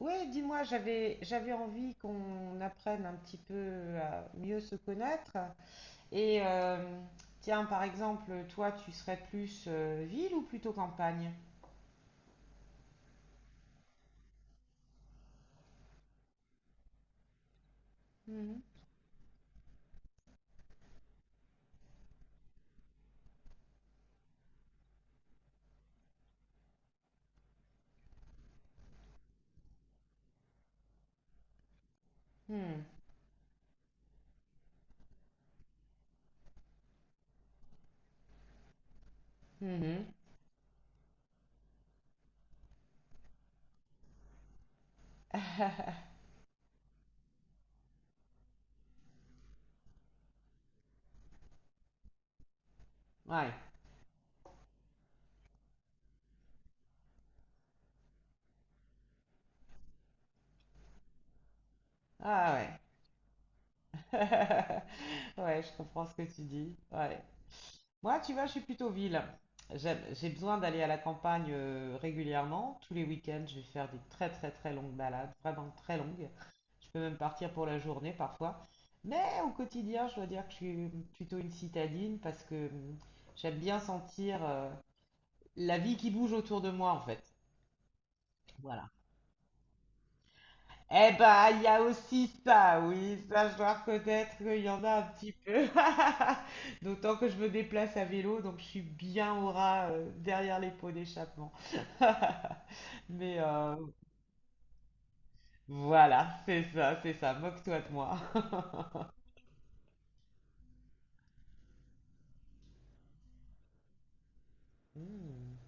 Ouais, dis-moi, j'avais envie qu'on apprenne un petit peu à mieux se connaître. Et euh, tiens, par exemple, toi, tu serais plus ville ou plutôt campagne? Mhm. Hmm, mhm. Ouais. Ah ouais. Ouais, je comprends ce que tu dis. Ouais. Moi, tu vois, je suis plutôt ville. J'ai besoin d'aller à la campagne régulièrement. Tous les week-ends, je vais faire des très très très longues balades, vraiment très longues. Je peux même partir pour la journée parfois. Mais au quotidien, je dois dire que je suis plutôt une citadine parce que j'aime bien sentir la vie qui bouge autour de moi en fait. Voilà. Eh ben, il y a aussi ça, oui, ça je dois reconnaître qu'il y en a un petit peu. D'autant que je me déplace à vélo, donc je suis bien au ras derrière les pots d'échappement. Mais voilà, c'est ça, moque-toi de moi. Hmm,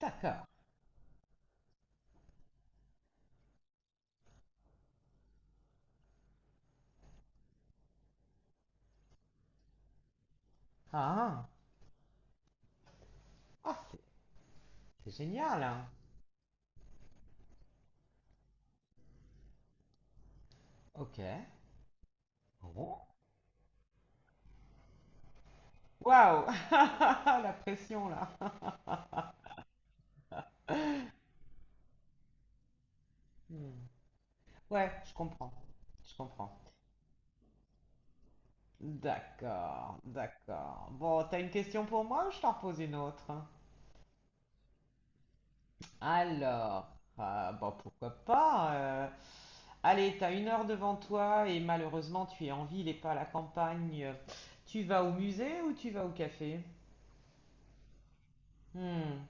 d'accord. Ah, ah, c'est génial, hein. Ok. Bon. Waouh, la pression là. Hmm. Ouais, je comprends. D'accord, d'accord. Bon, t'as une question pour moi ou je t'en pose une autre? Alors, bon, pourquoi pas. Allez, t'as une heure devant toi et malheureusement tu es en ville et pas à la campagne. Tu vas au musée ou tu vas au café? Hmm,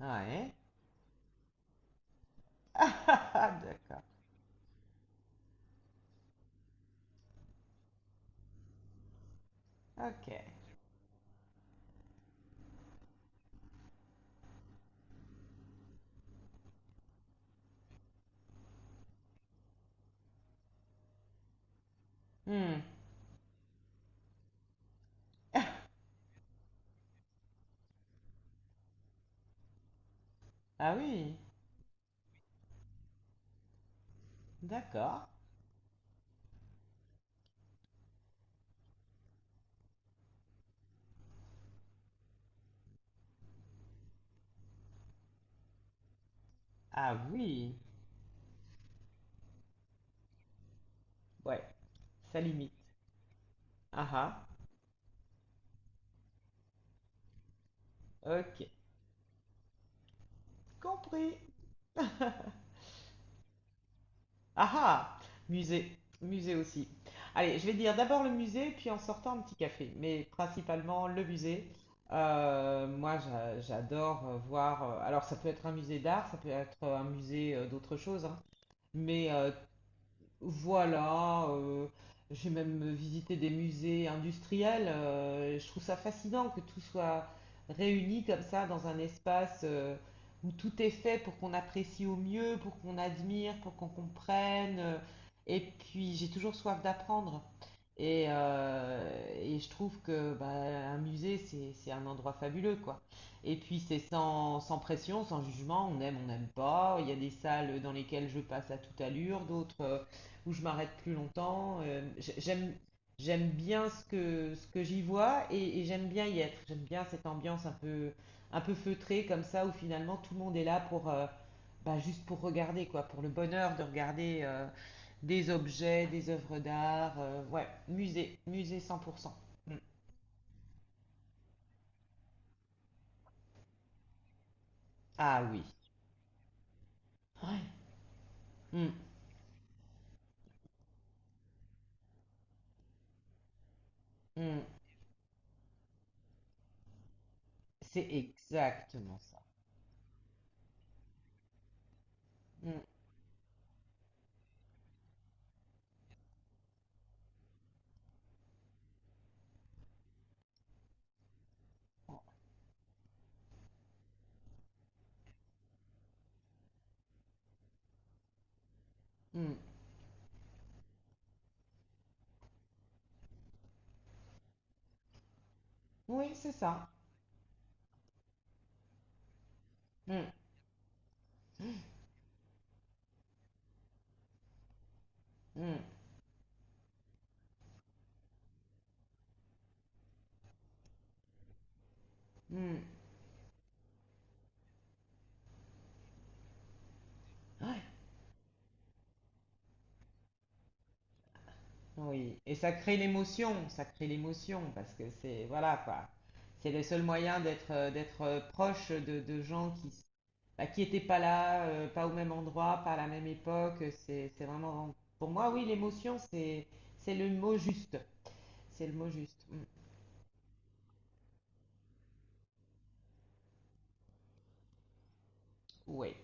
ouais. D'accord, ok. Hmm. Ah oui, d'accord. Ah oui, ouais, ça limite. Ah ah, ok, compris. Ah ah! Musée. Musée aussi. Allez, je vais dire d'abord le musée, puis en sortant un petit café. Mais principalement le musée. Moi, j'adore voir. Alors, ça peut être un musée d'art, ça peut être un musée d'autre chose, hein. mais euh, voilà, j'ai même visité des musées industriels. Je trouve ça fascinant que tout soit réuni comme ça dans un espace où tout est fait pour qu'on apprécie au mieux, pour qu'on admire, pour qu'on comprenne. Et puis j'ai toujours soif d'apprendre. Et, euh, et je trouve que bah, un musée, c'est un endroit fabuleux, quoi. Et puis c'est sans pression, sans jugement, on aime, on n'aime pas. Il y a des salles dans lesquelles je passe à toute allure, d'autres où je m'arrête plus longtemps. J'aime, j'aime bien ce que j'y vois et j'aime bien y être. J'aime bien cette ambiance un peu feutrée comme ça où finalement tout le monde est là pour, bah, juste pour regarder quoi, pour le bonheur de regarder des objets, des œuvres d'art. Ouais, musée, musée 100%. Mm. Ah oui. Ouais. Mm, mm. C'est exactement ça. Mm, Oh, mm. Oui, c'est ça. Mm, mm, mm. Oui, et ça crée l'émotion, parce que c'est, voilà, quoi. C'est le seul moyen d'être d'être proche de gens bah, qui n'étaient pas là, pas au même endroit, pas à la même époque. C'est vraiment, pour moi, oui, l'émotion, c'est le mot juste. C'est le mot juste. Mm. Oui.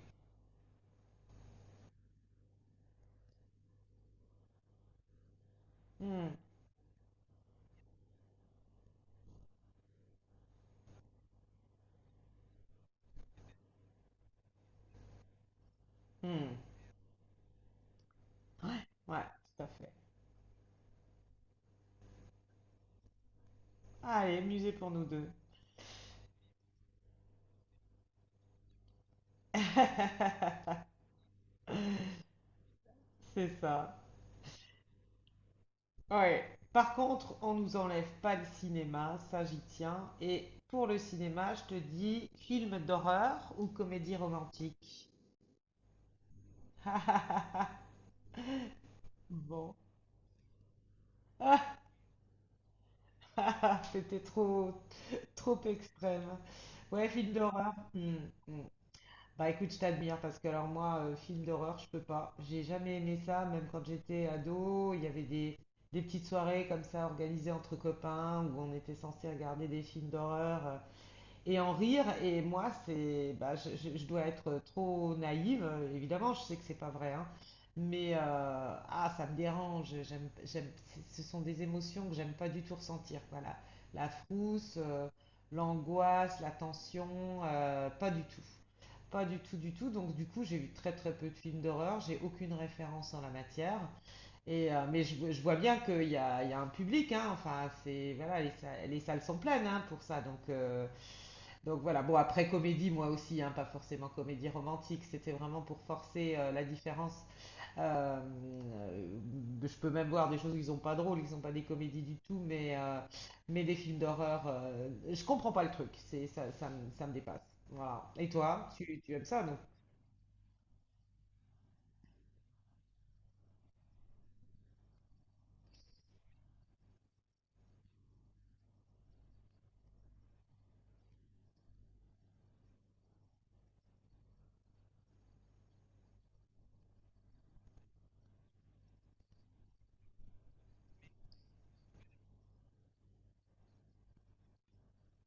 Mm. Mm. Ouais, ouais, tout à fait. Allez, musée pour nous deux. C'est ça. Ouais. Par contre, on nous enlève pas le cinéma, ça j'y tiens. Et pour le cinéma, je te dis film d'horreur ou comédie romantique. Bon. C'était trop, trop extrême. Ouais, film d'horreur. Hmm, hmm. Bah écoute, je t'admire parce que alors moi, film d'horreur, je peux pas. J'ai jamais aimé ça, même quand j'étais ado. Il y avait des petites soirées comme ça organisées entre copains où on était censé regarder des films d'horreur. Et en rire. Et moi, c'est, bah, je dois être trop naïve, évidemment, je sais que c'est pas vrai, hein, mais ah, ça me dérange. J'aime, ce sont des émotions que j'aime pas du tout ressentir, quoi. La frousse, l'angoisse, la tension, pas du tout. Pas du tout, du tout. Donc, du coup, j'ai vu très très peu de films d'horreur. J'ai aucune référence en la matière. Et, mais je vois bien qu'il y a, il y a un public, hein. Enfin, c'est, voilà, les salles sont pleines hein, pour ça. Donc voilà, bon après comédie moi aussi, hein, pas forcément comédie romantique, c'était vraiment pour forcer la différence. Euh, euh, je peux même voir des choses qui sont pas drôles, qui sont pas des comédies du tout, mais des films d'horreur, je comprends pas le truc, c'est, ça me dépasse. Voilà. Et toi, tu aimes ça, non?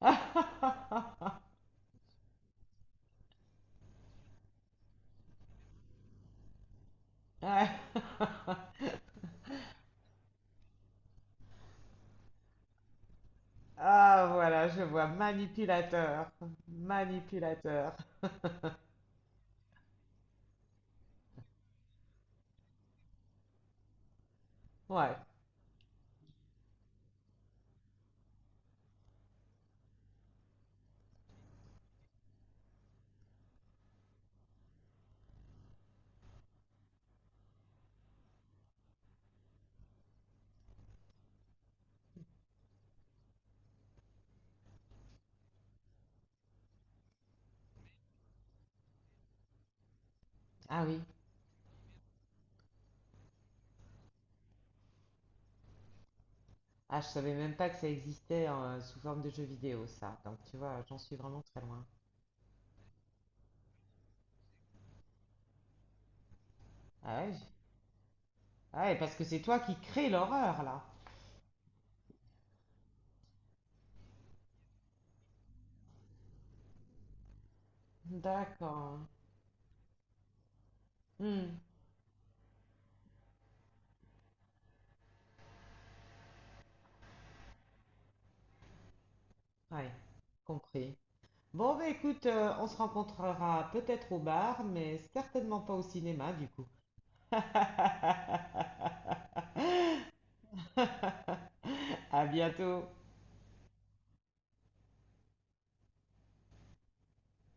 Ouais. Ah voilà, je vois, manipulateur, manipulateur. Ouais. Ah oui. Ah, je savais même pas que ça existait sous forme de jeu vidéo, ça. Donc, tu vois, j'en suis vraiment très loin. Ah ouais, j- ah ouais, parce que c'est toi qui crée l'horreur, là. D'accord. Hmm, Ouais, compris. Bon, bah écoute, on se rencontrera peut-être au bar, mais certainement pas au cinéma, du coup. À bientôt.